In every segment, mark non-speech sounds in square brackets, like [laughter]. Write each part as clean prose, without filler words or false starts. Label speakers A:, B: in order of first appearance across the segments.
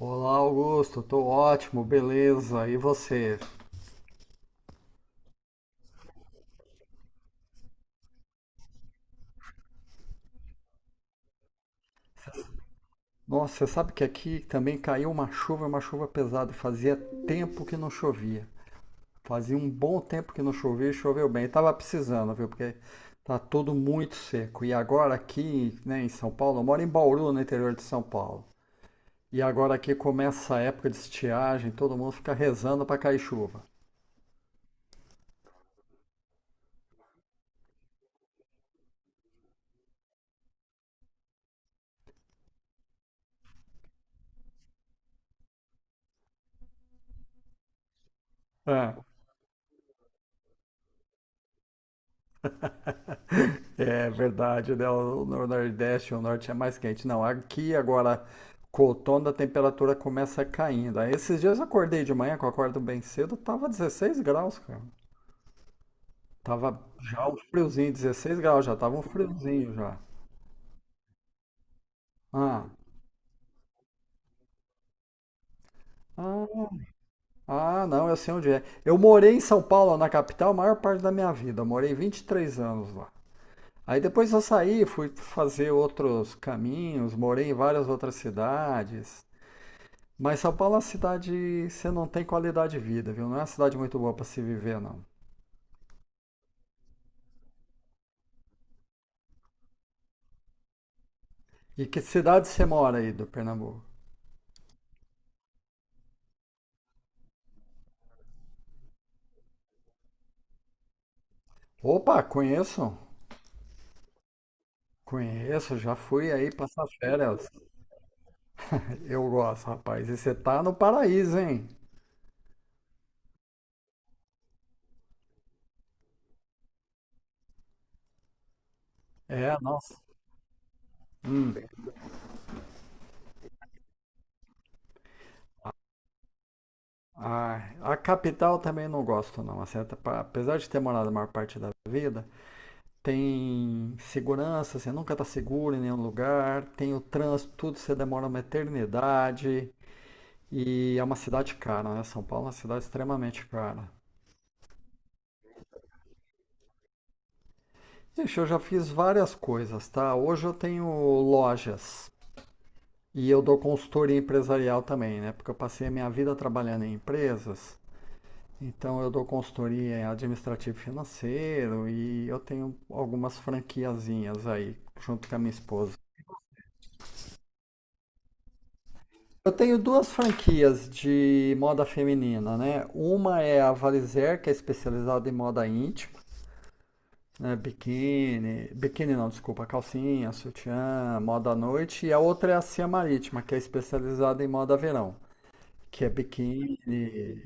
A: Olá, Augusto, tô ótimo, beleza. E você? Nossa, você sabe que aqui também caiu uma chuva pesada. Fazia tempo que não chovia. Fazia um bom tempo que não chovia e choveu bem. Tava precisando, viu? Porque tá tudo muito seco. E agora aqui, né, em São Paulo, eu moro em Bauru, no interior de São Paulo. E agora aqui começa a época de estiagem, todo mundo fica rezando pra cair chuva. É. É verdade, né? O Nordeste, o Norte é mais quente. Não, aqui agora, com o outono, a temperatura começa caindo. Aí esses dias eu acordei de manhã, que eu acordo bem cedo, tava 16 graus, cara. Tava já um friozinho, 16 graus, já tava um friozinho já. Ah, ah, ah, não, eu sei onde é. Eu morei em São Paulo, na capital, a maior parte da minha vida. Eu morei 23 anos lá. Aí depois eu saí, fui fazer outros caminhos, morei em várias outras cidades. Mas São Paulo é uma cidade, você não tem qualidade de vida, viu? Não é uma cidade muito boa para se viver, não. E que cidade você mora aí do Pernambuco? Opa, conheço. Conheço, já fui aí passar férias. Eu gosto, rapaz. E você tá no paraíso, hein? É, nossa. Ah, a capital também não gosto, não. Assim, até apesar de ter morado a maior parte da vida, tem segurança, você nunca tá seguro em nenhum lugar, tem o trânsito, tudo, você demora uma eternidade. E é uma cidade cara, né? São Paulo é uma cidade extremamente cara. Ixi, eu já fiz várias coisas, tá? Hoje eu tenho lojas e eu dou consultoria empresarial também, né? Porque eu passei a minha vida trabalhando em empresas, então eu dou consultoria em administrativo e financeiro e eu tenho algumas franquiazinhas aí, junto com a minha esposa. Eu tenho duas franquias de moda feminina, né? Uma é a Valizer, que é especializada em moda íntima. É, biquíni, biquíni não, desculpa, calcinha, sutiã, moda à noite, e a outra é a Cia Marítima, que é especializada em moda verão, que é biquíni,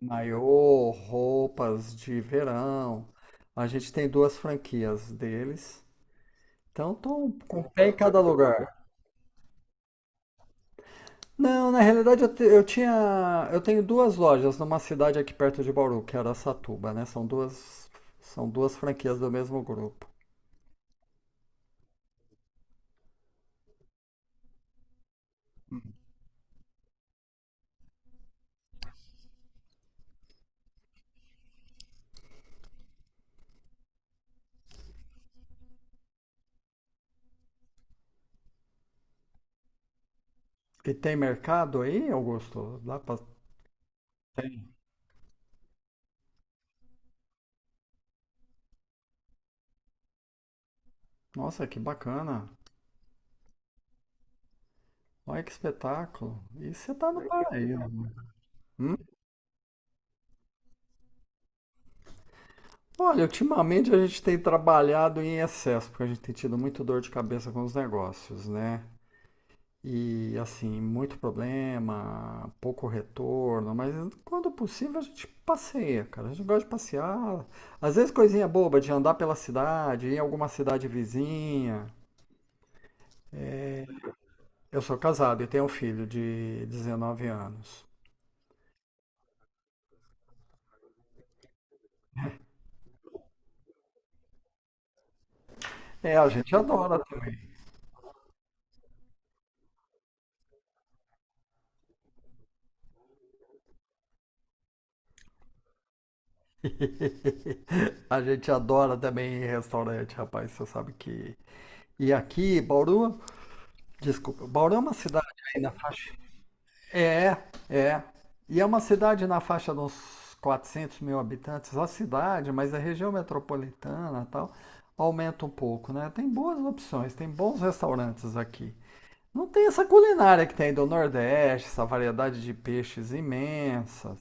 A: maiô, roupas de verão. A gente tem duas franquias deles, então tô com o pé em cada lugar. Não, na realidade eu, te- eu tinha, eu tenho duas lojas numa cidade aqui perto de Bauru, que era Satuba, né? São duas franquias do mesmo grupo. E tem mercado aí, Augusto? Dá pra. Nossa, que bacana. Olha que espetáculo. E você está no paraíso, né? Hum? Olha, ultimamente a gente tem trabalhado em excesso, porque a gente tem tido muito dor de cabeça com os negócios, né? E assim, muito problema, pouco retorno, mas quando possível a gente passeia, cara. A gente gosta de passear. Às vezes coisinha boba de andar pela cidade, ir em alguma cidade vizinha. Eu sou casado e tenho um filho de 19 anos. É, a gente adora também. [laughs] A gente adora também ir em restaurante, rapaz. Você sabe que. E aqui, Bauru, desculpa, Bauru é uma cidade aí na faixa. É, é. E é uma cidade na faixa de uns 400 mil habitantes, a cidade, mas a região metropolitana e tal, aumenta um pouco, né? Tem boas opções, tem bons restaurantes aqui. Não tem essa culinária que tem aí do Nordeste, essa variedade de peixes imensas.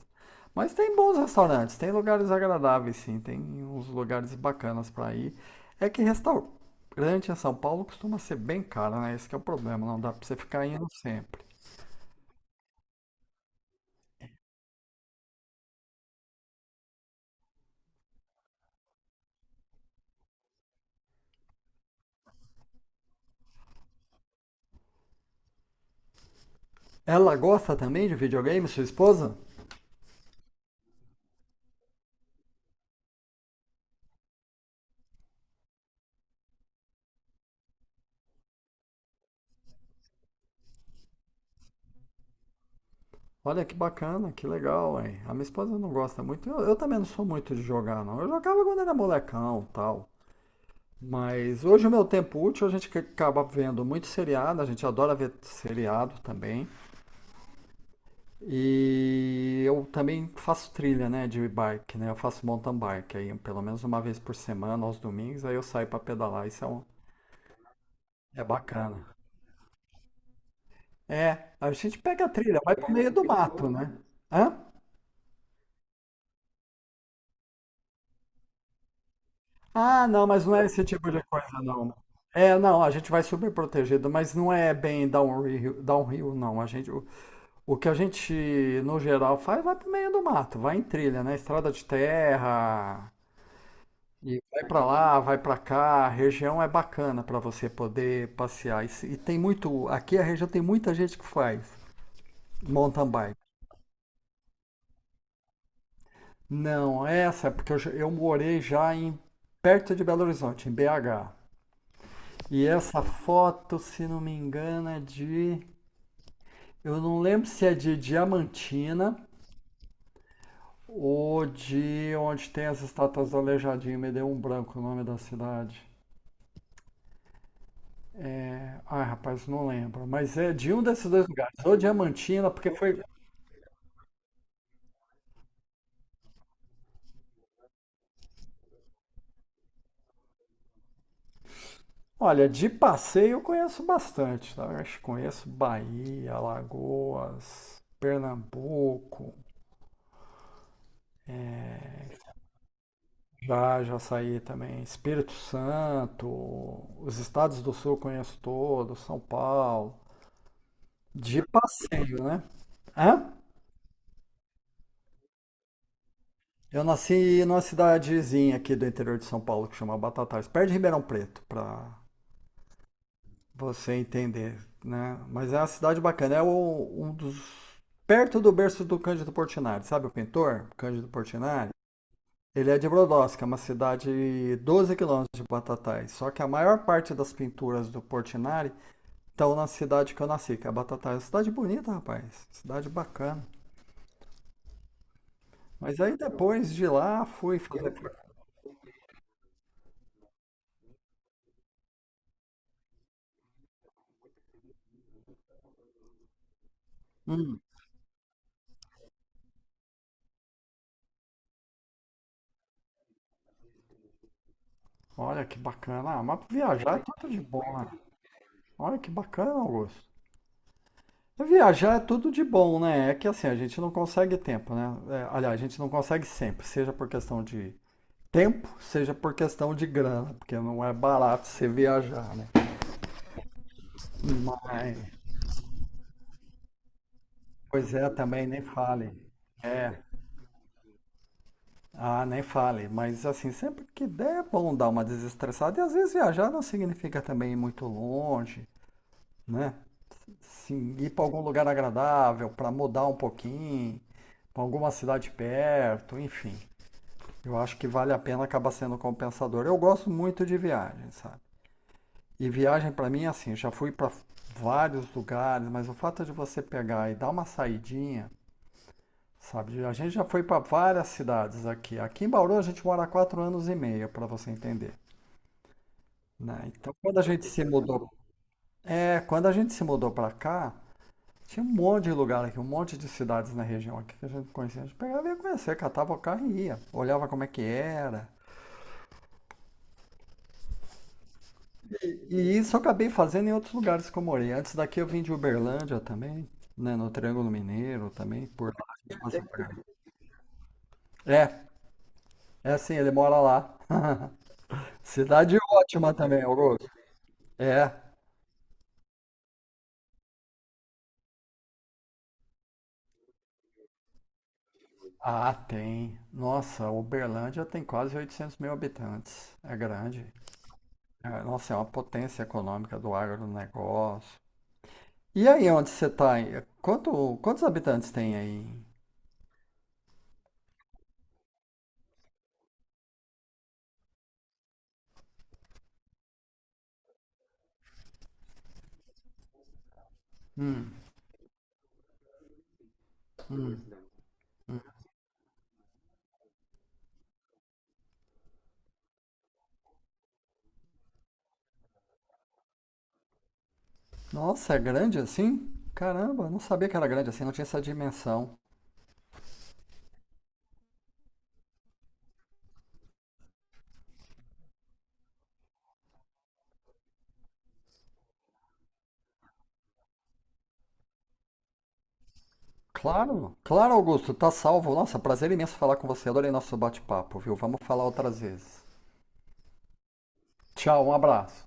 A: Mas tem bons restaurantes, tem lugares agradáveis, sim, tem uns lugares bacanas para ir. É que restaurante em São Paulo costuma ser bem caro, né? Esse que é o problema, não dá para você ficar indo sempre. Ela gosta também de videogame, sua esposa? Olha que bacana, que legal, hein? A minha esposa não gosta muito. Eu também não sou muito de jogar, não. Eu jogava quando era molecão, tal. Mas hoje o meu tempo útil, a gente que acaba vendo muito seriado, a gente adora ver seriado também. E eu também faço trilha, né, de bike, né? Eu faço mountain bike aí, pelo menos uma vez por semana, aos domingos, aí eu saio pra pedalar, é bacana. É, a gente pega a trilha, vai pro meio do mato, né? Hã? Ah, não, mas não é esse tipo de coisa, não. É, não, a gente vai super protegido, mas não é bem downhill, downhill, não. O que a gente, no geral, faz vai pro meio do mato, vai em trilha, né? Estrada de terra, e vai pra lá, vai pra cá. A região é bacana pra você poder passear. E, se- e tem muito, aqui a região tem muita gente que faz mountain bike. Não, essa é porque eu morei já em perto de Belo Horizonte, em BH. E essa foto, se não me engano, eu não lembro se é de Diamantina, o de onde tem as estátuas do Aleijadinho, me deu um branco o nome da cidade. Ai, rapaz, não lembro. Mas é de um desses dois lugares. Ou Diamantina, porque foi. Olha, de passeio eu conheço bastante, tá? Eu acho que conheço Bahia, Alagoas, Pernambuco. Já, já saí também. Espírito Santo, os estados do Sul eu conheço todos, São Paulo. De passeio, né? Hã? Eu nasci numa cidadezinha aqui do interior de São Paulo que chama Batatais, perto de Ribeirão Preto, pra você entender, né? Mas é uma cidade bacana, é o- um dos perto do berço do Cândido Portinari, sabe o pintor Cândido Portinari? Ele é de Brodowski, é uma cidade 12 quilômetros de Batatais. Só que a maior parte das pinturas do Portinari estão na cidade que eu nasci, que é Batatais. Cidade bonita, rapaz. Cidade bacana. Mas aí depois de lá fui fazer. Hum. Olha que bacana. Ah, mas viajar é tudo de bom, né? Olha que bacana, Augusto. É, viajar é tudo de bom, né? É que assim, a gente não consegue tempo, né? É, aliás, a gente não consegue sempre, seja por questão de tempo, seja por questão de grana, porque não é barato você viajar, né? Mas, pois é, também nem fale. É, ah, nem fale. Mas assim, sempre que der é bom dar uma desestressada. E às vezes viajar não significa também ir muito longe, né? Sim, ir para algum lugar agradável, para mudar um pouquinho, para alguma cidade perto, enfim. Eu acho que vale a pena acabar sendo compensador. Eu gosto muito de viagem, sabe? E viagem para mim, é assim, já fui para vários lugares, mas o fato de você pegar e dar uma saidinha, sabe? A gente já foi para várias cidades aqui. Aqui em Bauru a gente mora há 4 anos e meio, para você entender, né? Então, quando a gente se mudou para cá, tinha um monte de lugar aqui, um monte de cidades na região aqui que a gente conhecia. A gente pegava e ia conhecer, catava o carro e ia. Olhava como é que era. E isso eu acabei fazendo em outros lugares que eu morei. Antes daqui eu vim de Uberlândia também, né? No Triângulo Mineiro também, por lá, a gente passa por aí. É, é assim, ele mora lá. [laughs] Cidade ótima também, Augusto. É. Ah, tem. Nossa, Uberlândia tem quase 800 mil habitantes. É grande. É, nossa, é uma potência econômica do agronegócio. E aí onde você tá aí? Quantos habitantes tem aí? Hum, nossa, é grande assim? Caramba, não sabia que era grande assim, não tinha essa dimensão. Claro, claro, Augusto, tá salvo. Nossa, prazer imenso falar com você. Adorei nosso bate-papo, viu? Vamos falar outras vezes. Tchau, um abraço.